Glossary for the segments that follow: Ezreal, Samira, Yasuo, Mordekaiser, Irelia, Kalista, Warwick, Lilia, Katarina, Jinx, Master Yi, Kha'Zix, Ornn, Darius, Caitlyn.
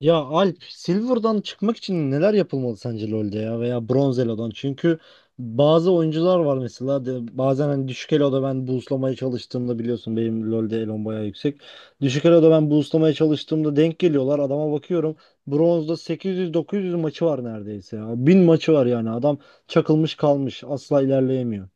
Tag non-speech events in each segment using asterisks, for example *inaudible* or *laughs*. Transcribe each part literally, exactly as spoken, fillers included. Ya Alp, Silver'dan çıkmak için neler yapılmalı sence LoL'de ya veya Bronz Elo'dan? Çünkü bazı oyuncular var mesela de, bazen hani düşük Elo'da ben boostlamaya çalıştığımda biliyorsun benim LoL'de Elo'm bayağı yüksek. Düşük Elo'da ben boostlamaya çalıştığımda denk geliyorlar adama bakıyorum. Bronz'da sekiz yüz dokuz yüz maçı var neredeyse ya. bin maçı var yani adam çakılmış kalmış asla ilerleyemiyor.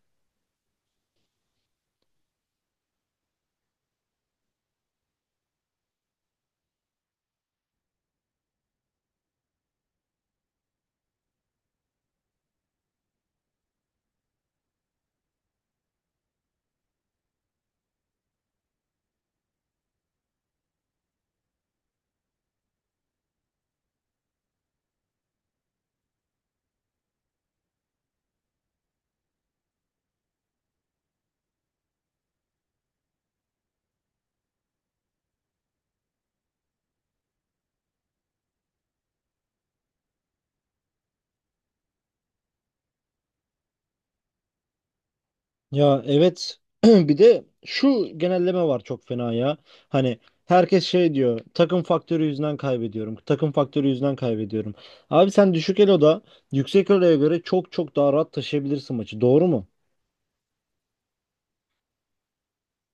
Ya evet, *clears throat* bir de şu genelleme var çok fena ya. Hani herkes şey diyor, takım faktörü yüzünden kaybediyorum. Takım faktörü yüzünden kaybediyorum. Abi sen düşük eloda yüksek eloya göre çok çok daha rahat taşıyabilirsin maçı, doğru mu?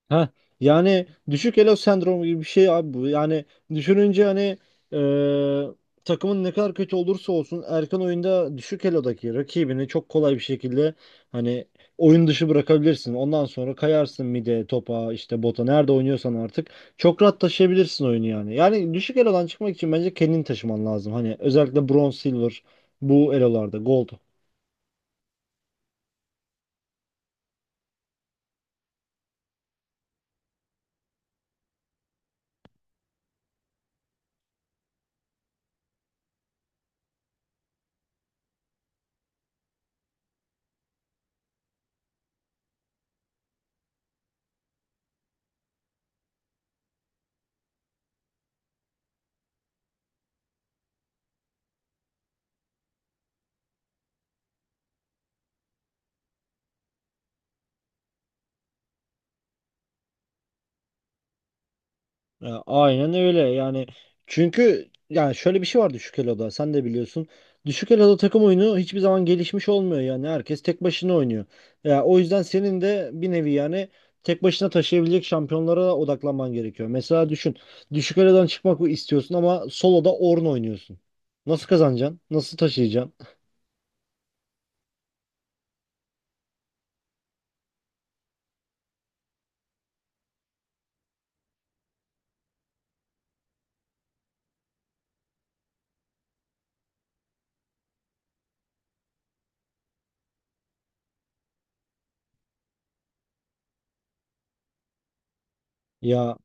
Ha, yani düşük elo sendromu gibi bir şey abi bu. Yani düşününce hani e, takımın ne kadar kötü olursa olsun erken oyunda düşük elodaki rakibini çok kolay bir şekilde hani oyun dışı bırakabilirsin. Ondan sonra kayarsın mide, topa, işte bota, nerede oynuyorsan artık çok rahat taşıyabilirsin oyunu yani. Yani düşük elodan çıkmak için bence kendini taşıman lazım. Hani özellikle bronze, silver, bu elolarda, gold. Ya, aynen öyle yani, çünkü yani şöyle bir şey var, düşük eloda sen de biliyorsun. Düşük eloda takım oyunu hiçbir zaman gelişmiş olmuyor, yani herkes tek başına oynuyor. Ya, o yüzden senin de bir nevi yani tek başına taşıyabilecek şampiyonlara odaklanman gerekiyor. Mesela düşün, düşük elodan çıkmak istiyorsun ama soloda Ornn oynuyorsun. Nasıl kazanacaksın? Nasıl taşıyacaksın? Ya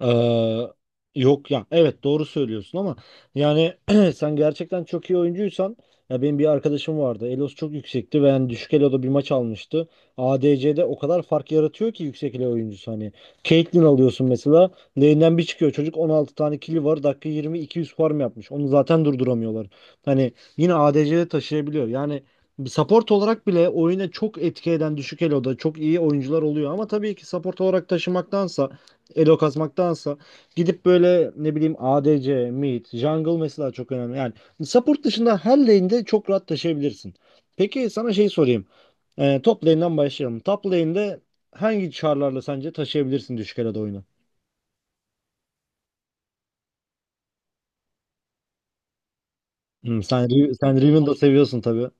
Ee, yok ya, evet doğru söylüyorsun ama yani *clears throat* sen gerçekten çok iyi oyuncuysan, ya benim bir arkadaşım vardı, Elo'su çok yüksekti ve yani düşük Elo'da bir maç almıştı, A D C'de o kadar fark yaratıyor ki yüksek Elo oyuncusu hani Caitlyn alıyorsun mesela, lane'den bir çıkıyor çocuk, on altı tane kill'i var, dakika yirmi iki yüz farm yapmış, onu zaten durduramıyorlar, hani yine A D C'de taşıyabiliyor yani. Bir support olarak bile oyuna çok etki eden düşük Elo'da çok iyi oyuncular oluyor ama tabii ki support olarak taşımaktansa, elo kasmaktansa, gidip böyle ne bileyim A D C, mid, jungle mesela çok önemli. Yani support dışında her lane'de çok rahat taşıyabilirsin. Peki sana şey sorayım. Ee, top lane'den başlayalım. Top lane'de hangi char'larla sence taşıyabilirsin düşük elo'da oyunu? Hmm, sen Ri- sen Riven'ı da seviyorsun tabii.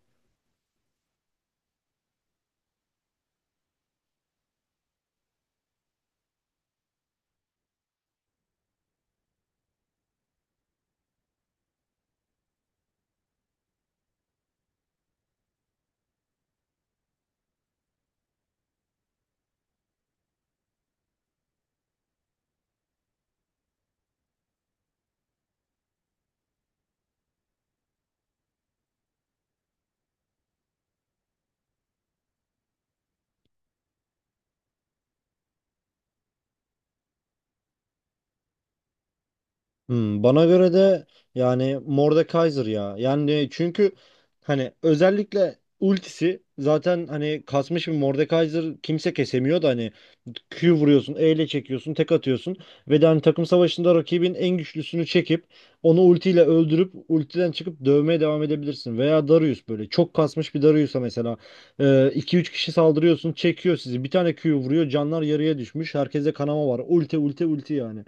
Hmm, bana göre de yani Mordekaiser ya. Yani çünkü hani özellikle ultisi zaten, hani kasmış bir Mordekaiser kimse kesemiyor da, hani Q vuruyorsun, E ile çekiyorsun, tek atıyorsun ve de hani takım savaşında rakibin en güçlüsünü çekip onu ultiyle öldürüp ultiden çıkıp dövmeye devam edebilirsin. Veya Darius, böyle çok kasmış bir Darius'a mesela iki üç kişi saldırıyorsun, çekiyor sizi. Bir tane Q vuruyor, canlar yarıya düşmüş. Herkese kanama var. Ulti ulti ulti yani.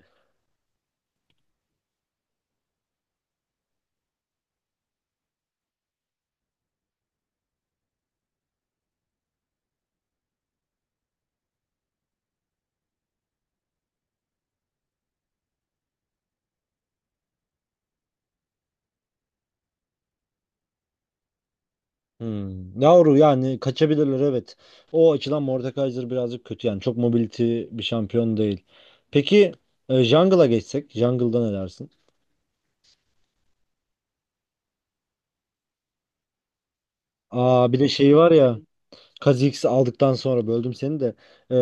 Hmm. Yavru yani, kaçabilirler evet. O açıdan Mordekaiser birazcık kötü yani. Çok mobility bir şampiyon değil. Peki, e, jungle'a geçsek. Jungle'da ne dersin? Aa, bir de şey var ya. Kha'Zix'i aldıktan sonra böldüm seni de. E,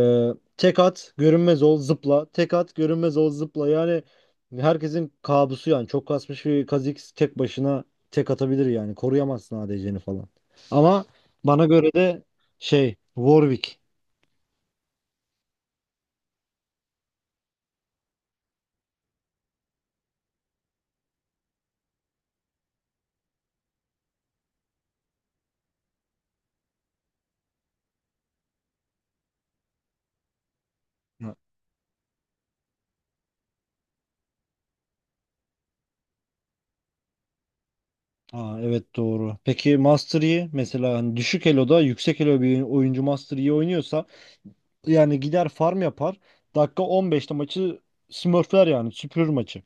Tek at, görünmez ol, zıpla. Tek at, görünmez ol, zıpla. Yani herkesin kabusu yani. Çok kasmış bir Kha'Zix tek başına tek atabilir yani. Koruyamazsın A D C'ni falan. Ama bana göre de şey, Warwick. Aa, evet doğru. Peki Master Yi mesela, hani düşük eloda yüksek elo bir oyuncu Master Yi oynuyorsa yani gider farm yapar. Dakika on beşte maçı smurfler yani, süpürür maçı.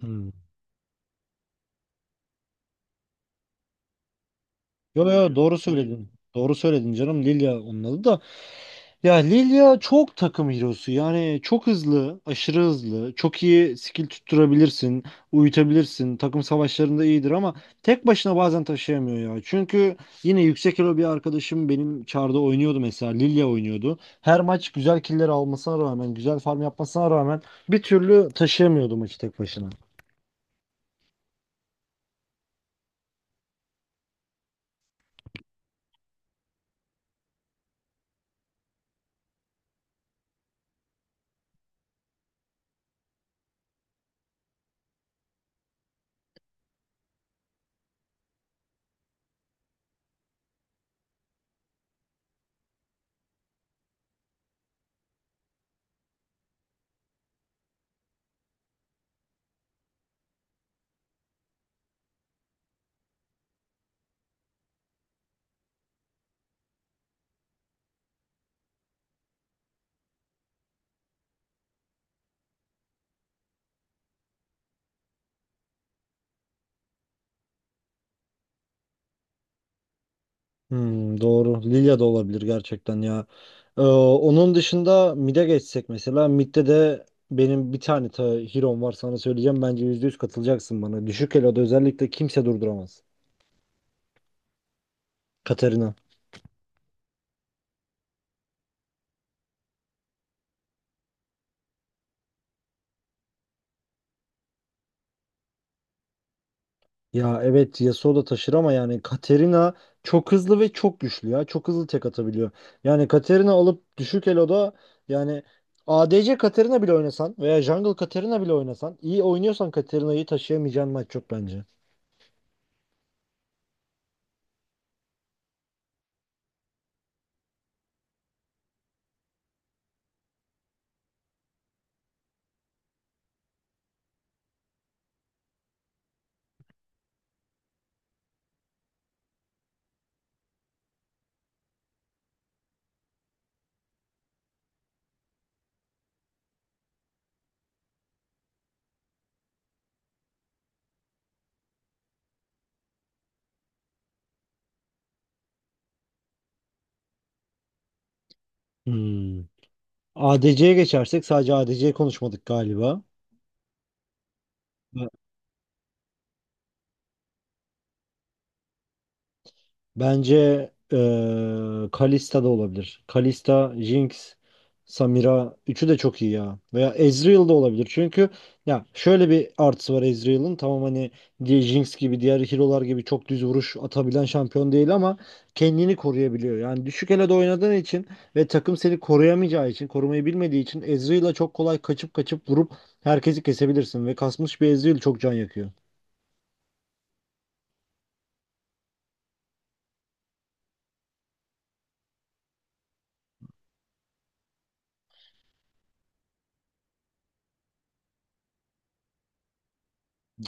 Hmm. Yo yo, doğru söyledin. Doğru söyledin canım, Lilia onun adı da. Ya Lilia çok takım hero'su. Yani çok hızlı, aşırı hızlı. Çok iyi skill tutturabilirsin, uyutabilirsin. Takım savaşlarında iyidir ama tek başına bazen taşıyamıyor ya. Çünkü yine yüksek elo bir arkadaşım benim çarda oynuyordu mesela. Lilia oynuyordu. Her maç güzel killer almasına rağmen, güzel farm yapmasına rağmen bir türlü taşıyamıyordu maçı tek başına. Hmm, doğru. Lilya da olabilir gerçekten ya. Ee, onun dışında mid'e geçsek mesela. Mid'de de benim bir tane ta hero'm var, sana söyleyeceğim. Bence yüzde yüz katılacaksın bana. Düşük elo'da özellikle kimse durduramaz. Katarina. Ya evet, Yasuo da taşır ama yani Katarina çok hızlı ve çok güçlü ya. Çok hızlı tek atabiliyor. Yani Katarina alıp düşük elo'da yani A D C Katarina bile oynasan veya Jungle Katarina bile oynasan, iyi oynuyorsan Katarina'yı taşıyamayacağın maç çok bence. Hmm. A D C'ye geçersek, sadece A D C'ye konuşmadık galiba. B- Bence eee Kalista da olabilir. Kalista, Jinx, Samira üçü de çok iyi ya. Veya Ezreal da olabilir. Çünkü ya şöyle bir artısı var Ezreal'ın. Tamam, hani diye Jinx gibi, diğer hero'lar gibi çok düz vuruş atabilen şampiyon değil ama kendini koruyabiliyor. Yani düşük elo'da oynadığın için ve takım seni koruyamayacağı için, korumayı bilmediği için Ezreal'a çok kolay kaçıp kaçıp vurup herkesi kesebilirsin ve kasmış bir Ezreal çok can yakıyor.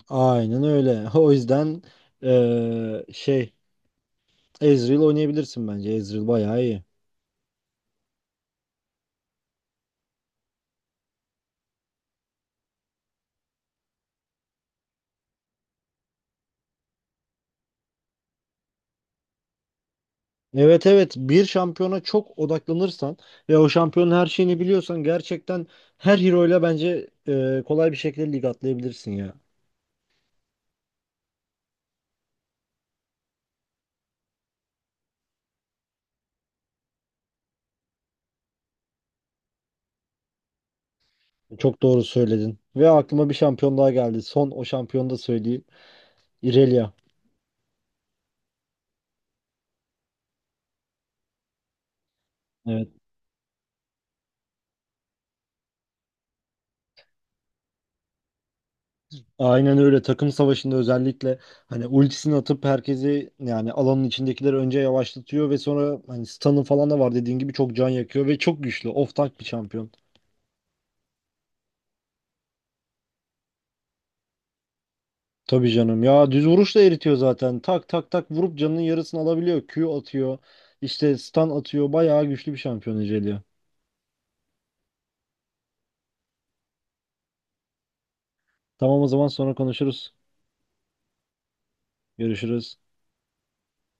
Aynen öyle. *laughs* O yüzden eee, şey, Ezreal oynayabilirsin bence. Ezreal bayağı iyi. Evet evet, bir şampiyona çok odaklanırsan ve o şampiyonun her şeyini biliyorsan gerçekten her hero ile bence eee, kolay bir şekilde lig atlayabilirsin ya. Çok doğru söyledin. Ve aklıma bir şampiyon daha geldi. Son o şampiyonu da söyleyeyim. Irelia. Evet. Aynen öyle, takım savaşında özellikle hani ultisini atıp herkesi yani alanın içindekileri önce yavaşlatıyor ve sonra hani stun'ı falan da var, dediğin gibi çok can yakıyor ve çok güçlü off tank bir şampiyon. Tabii canım ya, düz vuruşla eritiyor zaten, tak tak tak vurup canının yarısını alabiliyor, Q atıyor, işte stun atıyor, bayağı güçlü bir şampiyon Ecelia. Tamam, o zaman sonra konuşuruz, görüşürüz.